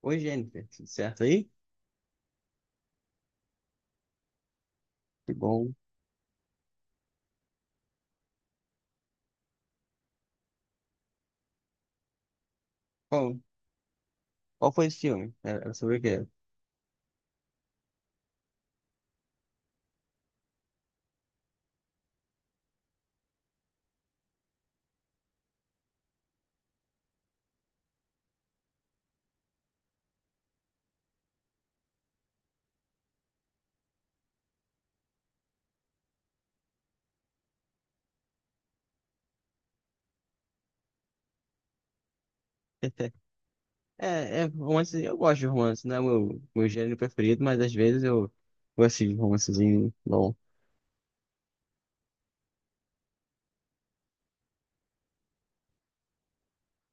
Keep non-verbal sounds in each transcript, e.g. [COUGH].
Oi, Jennifer, tudo certo aí? Que bom. Qual, qual foi esse filme? Era sobre o quê? [LAUGHS] É, é romance, eu gosto de romance, não é meu gênero preferido, mas às vezes eu gosto de romancezinho bom.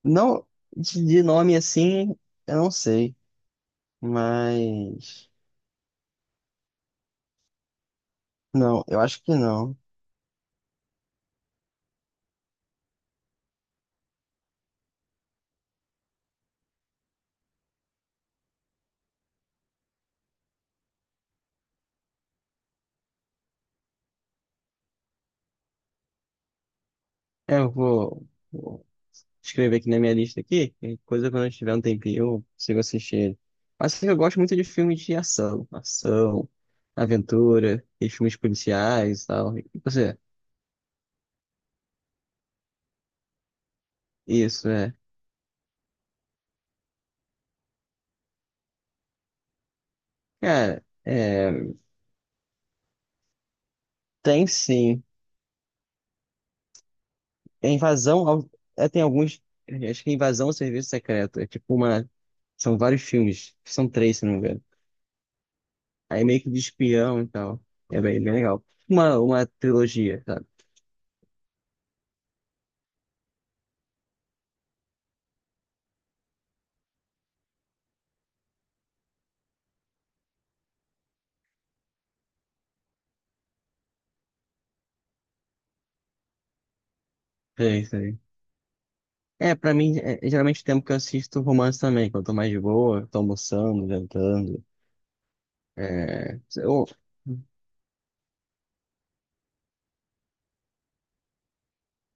Não, de nome assim, eu não sei, mas... Não, eu acho que não. Eu vou escrever aqui na minha lista aqui. E coisa quando eu tiver um tempinho, eu consigo assistir ele. Mas assim, eu gosto muito de filmes de ação. Ação, aventura, e filmes policiais e tal. E você? Isso, é. Cara, é, tem sim. É invasão ao... é, tem alguns. Acho que é invasão ao serviço secreto. É tipo uma. São vários filmes. São três, se não me engano. Aí meio que de espião e tal. É bem, bem legal. Uma trilogia, sabe? É isso. É, pra mim, é, é geralmente o tempo que eu assisto romance também, quando eu tô mais de boa, tô almoçando, jantando. É, eu,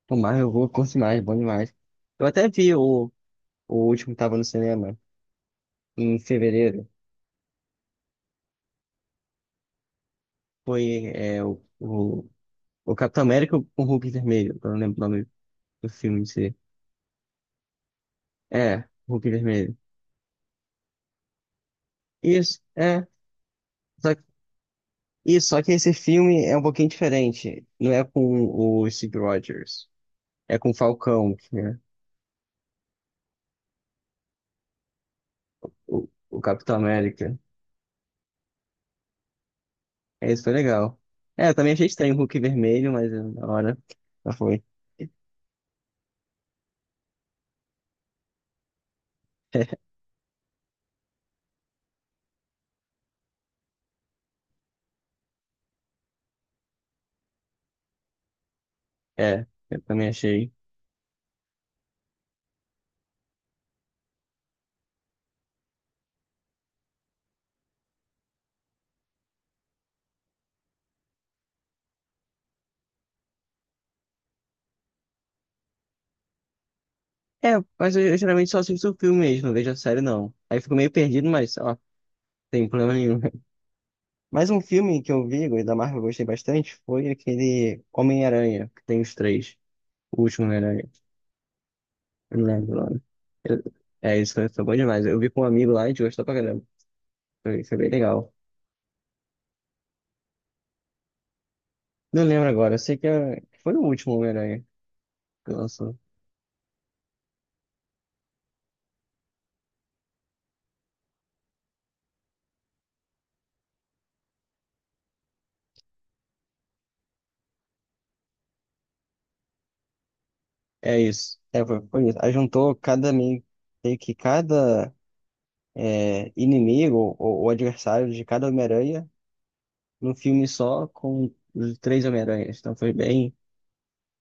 tomar, eu vou, curto mais, bom demais. Eu até vi o último que tava no cinema, em fevereiro. Foi é, o Capitão América com o Hulk Vermelho, eu não lembro o nome do filme em si. É, Hulk Vermelho. Isso, é. Só, que- isso, só que esse filme é um pouquinho diferente. Não é com o Steve Rogers, é com o Falcão, que é o Capitão América. É, isso foi legal. É, eu também achei estranho o Hulk vermelho, mas na hora já foi. [LAUGHS] É, eu também achei. É, mas eu geralmente só assisto o filme mesmo, não vejo a série não. Aí eu fico meio perdido, mas ó, não tem problema nenhum. [LAUGHS] Mais um filme que eu vi, e da Marvel eu gostei bastante, foi aquele Homem-Aranha, que tem os três. O último Homem-Aranha. Eu não lembro o nome. Eu- é, isso foi, foi bom demais. Eu vi com um amigo lá e a gente gostou pra caramba. Foi, foi bem legal. Não lembro agora, eu sei que é- que foi o último Homem-Aranha que lançou. É isso. É, foi, foi isso. Aí juntou cada meio meio que cada é, inimigo ou adversário de cada Homem-Aranha num filme só com os três Homem-Aranhas. Então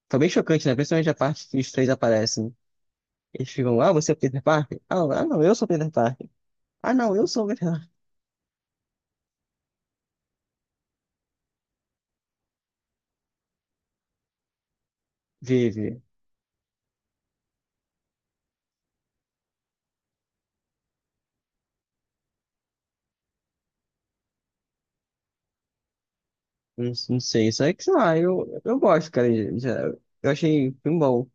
foi bem chocante, né? Principalmente a parte que os três aparecem. Eles ficam, ah, você é o Peter Parker? Ah, ah, não, eu sou o Peter Parker. Ah, não, eu sou o Peter Parker. [LAUGHS] Vive. Não, não sei, isso aí que, sei lá, eu gosto, cara. De- de- eu achei um bom,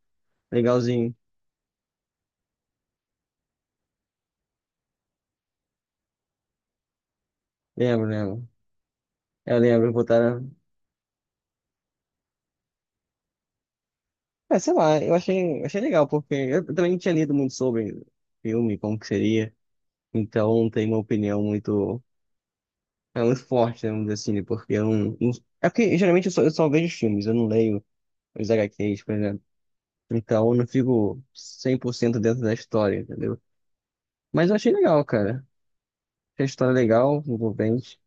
legalzinho. Lembro, lembro. Eu lembro, botaram. É, sei lá, eu achei, achei legal, porque eu também não tinha lido muito sobre filme, como que seria, então não tenho uma opinião muito, é, muito forte, né, vamos dizer assim, né, porque eu não- é porque geralmente eu só vejo filmes, eu não leio os H HQs, por exemplo, então eu não fico 100% dentro da história, entendeu? Mas eu achei legal, cara, achei a história legal, envolvente.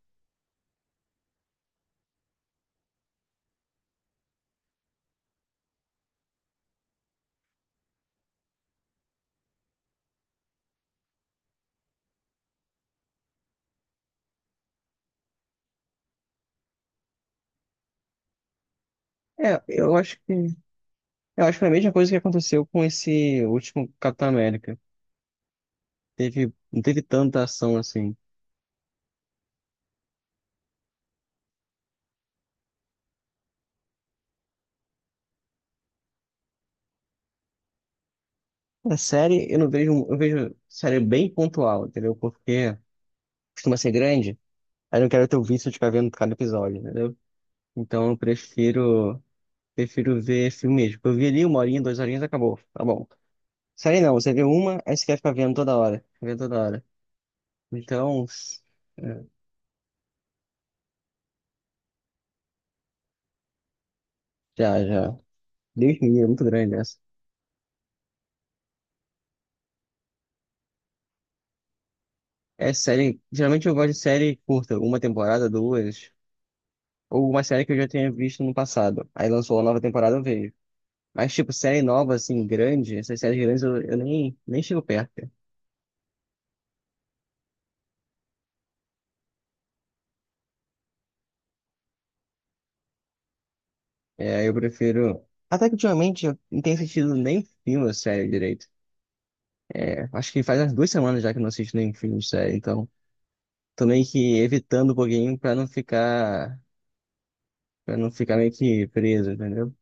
É, eu acho que foi a mesma coisa que aconteceu com esse último Capitão América, teve, não teve tanta ação assim. Na série, eu não vejo, eu vejo série bem pontual, entendeu? Porque costuma ser grande, aí eu não quero ter o vício de ficar vendo cada episódio, entendeu? Então prefiro ver filme mesmo. Eu vi ali uma horinha, duas horinhas, acabou, tá bom. Série não, você vê uma, aí você quer ficar vendo toda hora, vendo toda hora. Então, é, já, já. Deus me livre, é muito grande essa. É série, geralmente eu gosto de série curta, uma temporada, duas, ou uma série que eu já tenha visto no passado. Aí lançou a nova temporada, eu vejo. Mas, tipo, série nova, assim, grande, essas séries grandes eu, eu nem chego perto. Cara. É, eu prefiro. Até que ultimamente eu não tenho assistido nem filme ou série direito. É, acho que faz umas duas semanas já que eu não assisto nem filme ou série, então tô meio que evitando um pouquinho pra não ficar meio que preso, entendeu?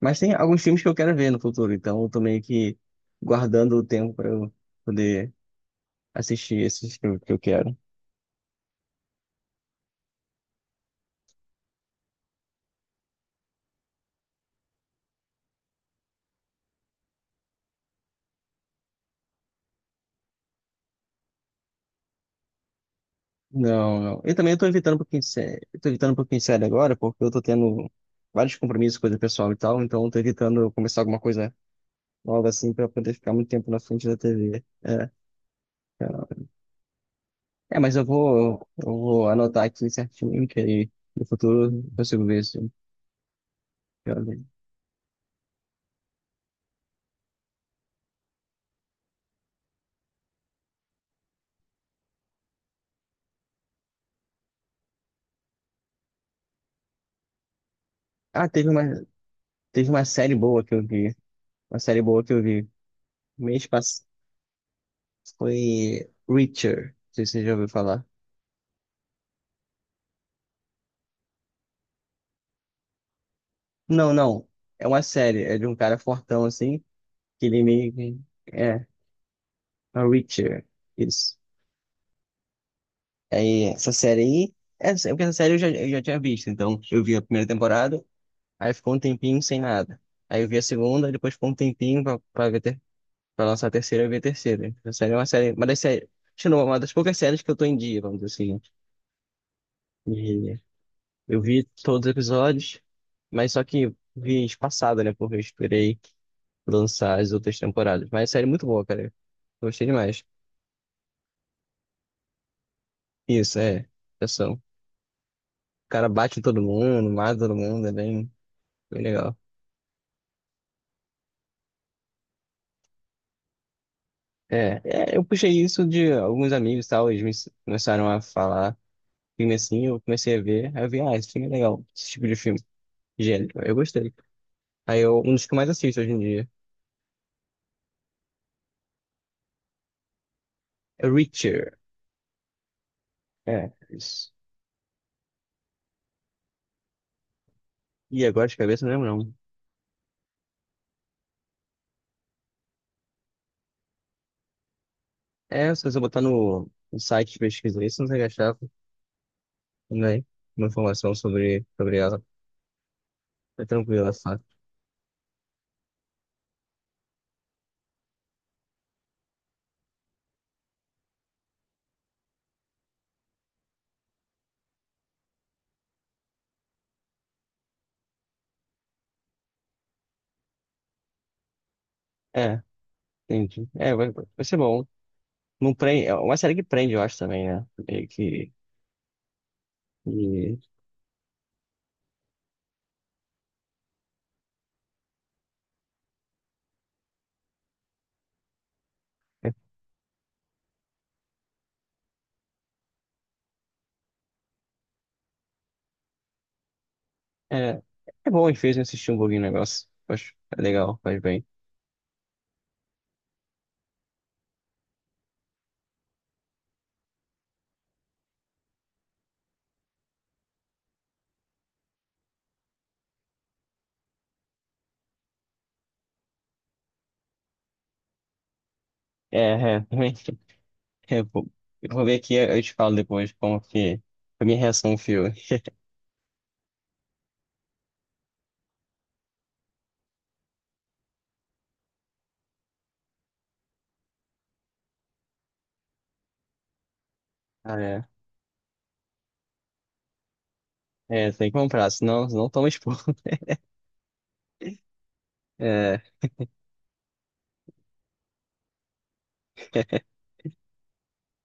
Mas tem alguns filmes que eu quero ver no futuro, então eu tô meio que guardando o tempo pra eu poder assistir esses que eu quero. Não, não. Eu também tô evitando um pouquinho de série. Eu tô evitando um pouquinho de série agora, porque eu tô tendo vários compromissos, coisa pessoal e tal, então eu tô evitando começar alguma coisa nova assim pra poder ficar muito tempo na frente da TV. É, é, mas eu vou anotar aqui certinho, que aí no futuro eu consigo ver se eu quero ver. Ah, teve uma série boa que eu vi. Uma série boa que eu vi. Mês passado foi Reacher. Não sei se você já ouviu falar. Não, não. É uma série, é de um cara fortão assim, que ele meio que. É, a Reacher. Isso. Aí, essa série aí. Essa, porque essa série eu já tinha visto. Então, eu vi a primeira temporada, aí ficou um tempinho sem nada. Aí eu vi a segunda, depois ficou um tempinho pra, pra, ver ter, pra lançar a terceira, eu vi a terceira. Essa série é uma série. Uma das séries. Acho que não, uma das poucas séries que eu tô em dia, vamos dizer assim. Né? E eu vi todos os episódios, mas só que vi espaçado, né? Porque eu esperei lançar as outras temporadas. Mas a série é muito boa, cara. Gostei demais. Isso, é. Ação. O cara bate em todo mundo, mata todo mundo, é bem, bem legal. É, é, eu puxei isso de alguns amigos e tal, eles me ens- começaram a falar filme assim, eu comecei a ver, aí eu vi, ah, esse filme é legal, esse tipo de filme, gênero, eu gostei. Aí eu, um dos que eu mais assisto hoje em dia é Reacher, é, isso. E agora de cabeça eu não lembro não. É, se você botar no site de pesquisa isso, não vai achar, né, uma informação sobre, sobre ela, é tranquilo, essa. É, entendi. É, vai, vai ser bom. Não prende, é uma série que prende, eu acho também, né? Meio que. E- é, é bom, às vezes, assistir um pouquinho o negócio. Acho é legal, faz bem. É, é, também. [LAUGHS] É, bom. Eu vou ver aqui, eu te falo depois como que. A minha reação ao filme. Ah, é. É, tem que comprar, senão, senão toma expor. [LAUGHS] É,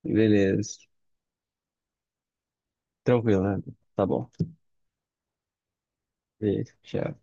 beleza. Tranquilo, né? Tá bom. Beijo, tchau.